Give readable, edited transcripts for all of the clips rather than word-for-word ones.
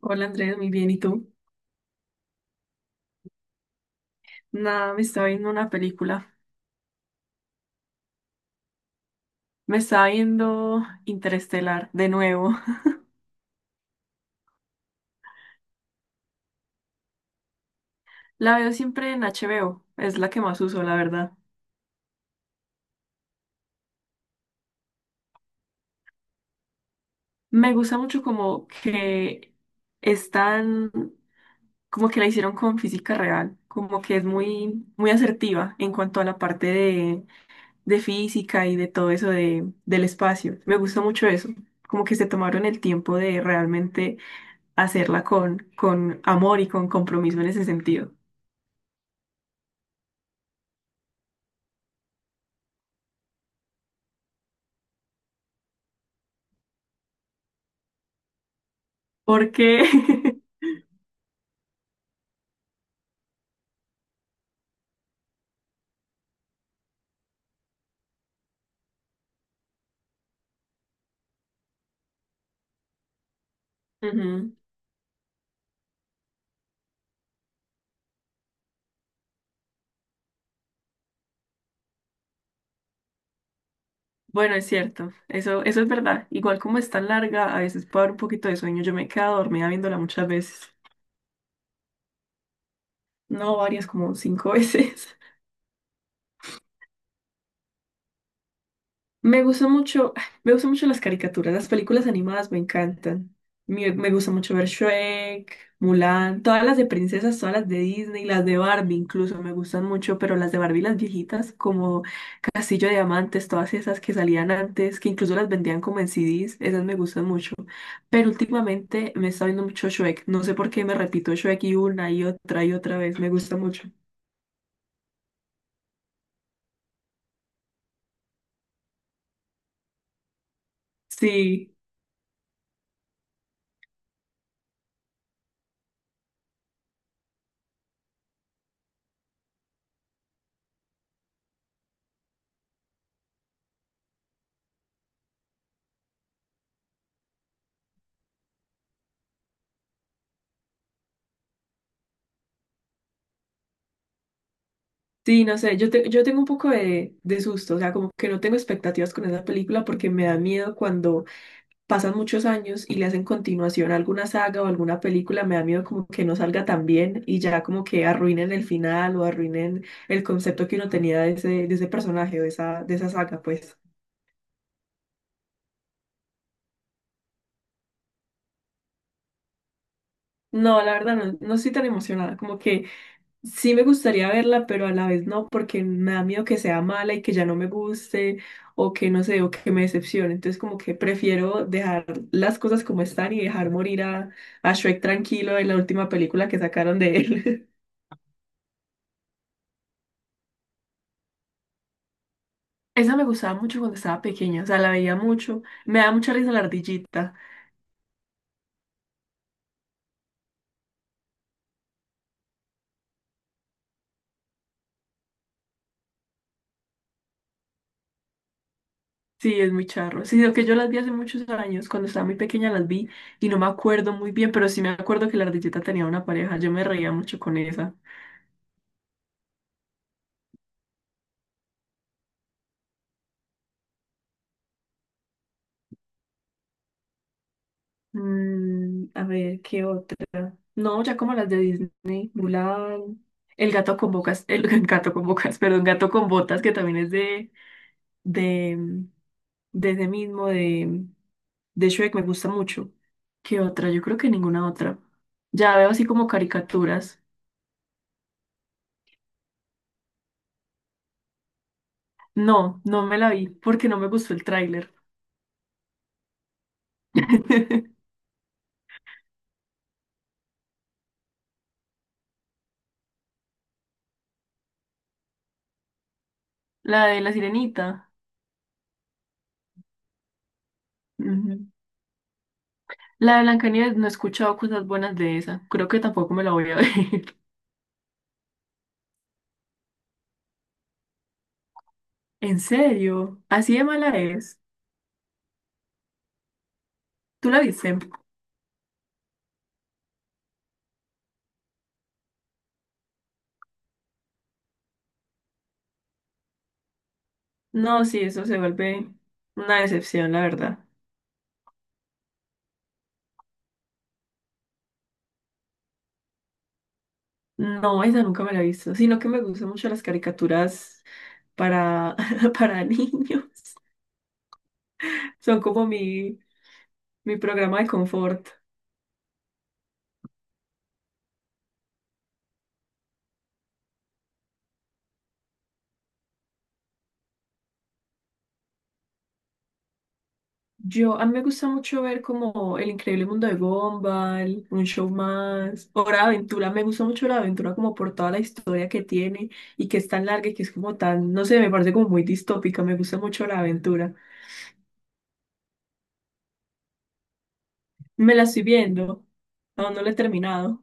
Hola Andrés, muy bien. ¿Y tú? Nada, me estaba viendo una película. Me estaba viendo Interestelar de nuevo. La veo siempre en HBO. Es la que más uso, la verdad. Me gusta mucho como que están, como que la hicieron con física real. Como que es muy, muy asertiva en cuanto a la parte de física y de todo eso de, del espacio. Me gusta mucho eso. Como que se tomaron el tiempo de realmente hacerla con amor y con compromiso en ese sentido. Porque, ujú. Bueno, es cierto, eso es verdad. Igual como es tan larga, a veces puede haber un poquito de sueño. Yo me he quedado dormida viéndola muchas veces. No, varias, como cinco veces. Me gusta mucho, me gustan mucho las caricaturas, las películas animadas me encantan. Me gusta mucho ver Shrek, Mulan, todas las de princesas, todas las de Disney, las de Barbie incluso me gustan mucho, pero las de Barbie, las viejitas, como Castillo de Diamantes, todas esas que salían antes, que incluso las vendían como en CDs, esas me gustan mucho. Pero últimamente me está viendo mucho Shrek, no sé por qué me repito Shrek y una y otra vez, me gusta mucho. Sí, sí, no sé, yo, yo tengo un poco de susto, o sea, como que no tengo expectativas con esa película porque me da miedo cuando pasan muchos años y le hacen continuación a alguna saga o alguna película, me da miedo como que no salga tan bien y ya como que arruinen el final o arruinen el concepto que uno tenía de ese personaje o de esa saga, pues. No, la verdad no, no estoy tan emocionada, como que sí me gustaría verla, pero a la vez no, porque me da miedo que sea mala y que ya no me guste o que no sé, o que me decepcione. Entonces como que prefiero dejar las cosas como están y dejar morir a Shrek tranquilo en la última película que sacaron de él. Esa me gustaba mucho cuando estaba pequeña, o sea, la veía mucho. Me da mucha risa la ardillita. Sí, es muy charro. Sí, lo que yo las vi hace muchos años, cuando estaba muy pequeña las vi y no me acuerdo muy bien, pero sí me acuerdo que la ardillita tenía una pareja. Yo me reía mucho con esa. Mm, a ver, ¿qué otra? No, ya como las de Disney, Mulan, el Gato con Bocas, el, el Gato con Bocas, perdón, Gato con Botas, que también es de, desde mismo, de Shrek, me gusta mucho. ¿Qué otra? Yo creo que ninguna otra. Ya veo así como caricaturas. No, no me la vi porque no me gustó el tráiler. La de La Sirenita. Ujú. La de Blancanieves, no he escuchado cosas buenas de esa. Creo que tampoco me la voy a ver. ¿En serio? ¿Así de mala es? ¿Tú la viste? No, sí, eso se vuelve una decepción, la verdad. No, esa nunca me la he visto, sino que me gustan mucho las caricaturas para, para niños. Son como mi programa de confort. Yo, a mí me gusta mucho ver como El Increíble Mundo de Gumball, Un Show Más, o Hora de Aventura. Me gusta mucho la aventura como por toda la historia que tiene y que es tan larga y que es como tan, no sé, me parece como muy distópica. Me gusta mucho la aventura. Me la estoy viendo, aún no la he terminado.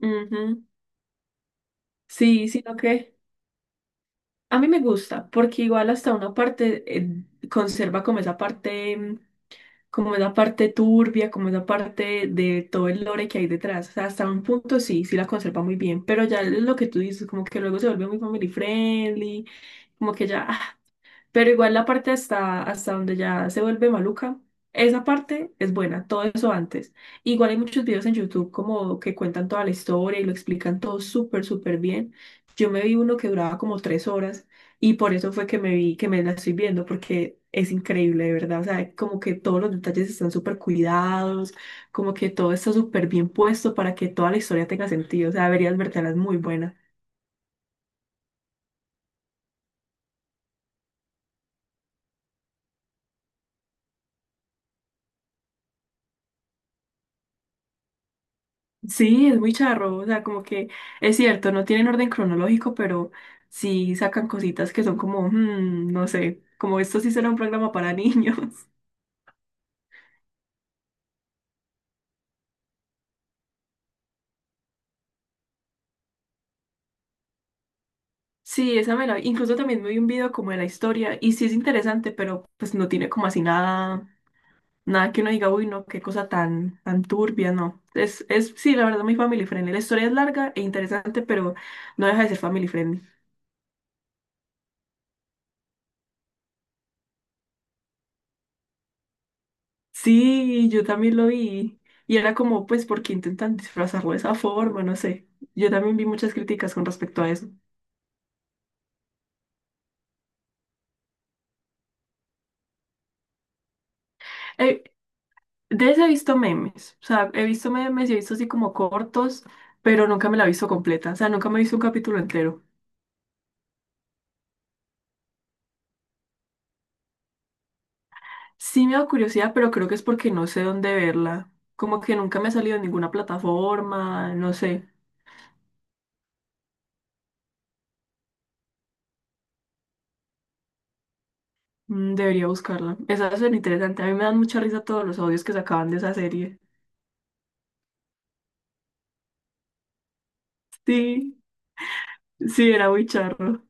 Ujú. Sí, sino que a mí me gusta, porque igual hasta una parte conserva como esa parte, como esa parte turbia, como esa parte de todo el lore que hay detrás. O sea, hasta un punto sí, sí la conserva muy bien, pero ya lo que tú dices, como que luego se vuelve muy family friendly, como que ya, pero igual la parte hasta, hasta donde ya se vuelve maluca, esa parte es buena, todo eso antes. Igual hay muchos videos en YouTube como que cuentan toda la historia y lo explican todo súper, súper bien. Yo me vi uno que duraba como tres horas y por eso fue que me vi, que me la estoy viendo, porque es increíble, de verdad. O sea, como que todos los detalles están súper cuidados, como que todo está súper bien puesto para que toda la historia tenga sentido. O sea, deberías vertelas muy buena. Sí, es muy charro, o sea, como que es cierto, no tienen orden cronológico, pero sí sacan cositas que son como, mm, no sé, como esto sí será un programa para niños. Sí, esa me la vi. Incluso también me vi un video como de la historia y sí es interesante, pero pues no tiene como así nada, nada que uno diga, uy, no, qué cosa tan, tan turbia, no. Sí, la verdad, muy family friendly. La historia es larga e interesante, pero no deja de ser family friendly. Sí, yo también lo vi. Y era como, pues, ¿por qué intentan disfrazarlo de esa forma? No sé. Yo también vi muchas críticas con respecto a eso. Eh, de ese he visto memes. O sea, he visto memes y he visto así como cortos, pero nunca me la he visto completa. O sea, nunca me he visto un capítulo entero. Sí me da curiosidad, pero creo que es porque no sé dónde verla. Como que nunca me ha salido en ninguna plataforma, no sé. Mm, debería buscarla. Esa suena interesante. A mí me dan mucha risa todos los audios que sacaban de esa serie. Sí, sí, era muy charro.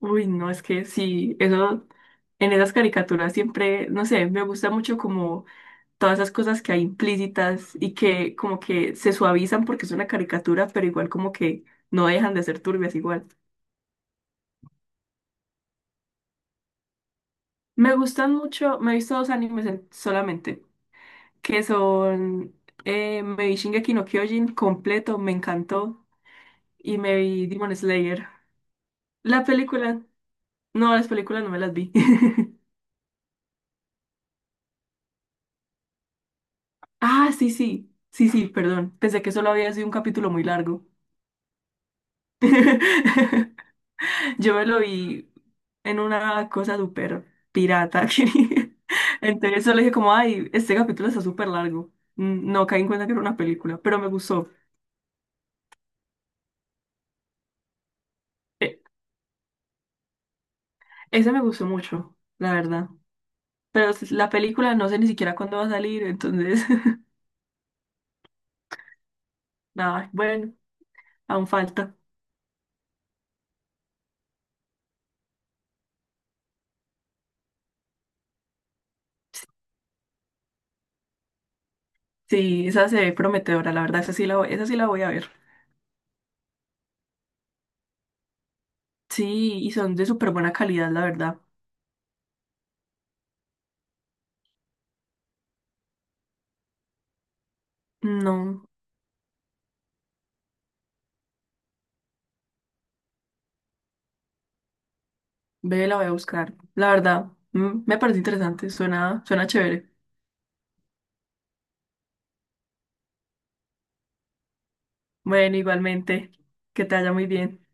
Uy, no, es que sí, eso en esas caricaturas siempre, no sé, me gusta mucho como todas esas cosas que hay implícitas y que como que se suavizan porque es una caricatura, pero igual como que no dejan de ser turbias igual. Me gustan mucho, me he visto dos animes solamente, que son me vi Shingeki no Kyojin completo, me encantó, y me vi Demon Slayer. La película, no, las películas no me las vi. Ah, sí, sí, sí, sí, perdón. Pensé que solo había sido un capítulo muy largo. Yo me lo vi en una cosa súper pirata. que- Entonces solo dije como, ay, este capítulo está súper largo. Mm, no caí en cuenta que era una película, pero me gustó. Eh, Ese me gustó mucho, la verdad. Pero la película no sé ni siquiera cuándo va a salir, entonces, nada, bueno, aún falta. Sí, esa se ve prometedora, la verdad, esa sí la voy, esa sí la voy a ver. Sí, y son de súper buena calidad, la verdad. No, ve, la voy a buscar. La verdad, mm, me parece interesante, suena, suena chévere. Bueno, igualmente, que te vaya muy bien.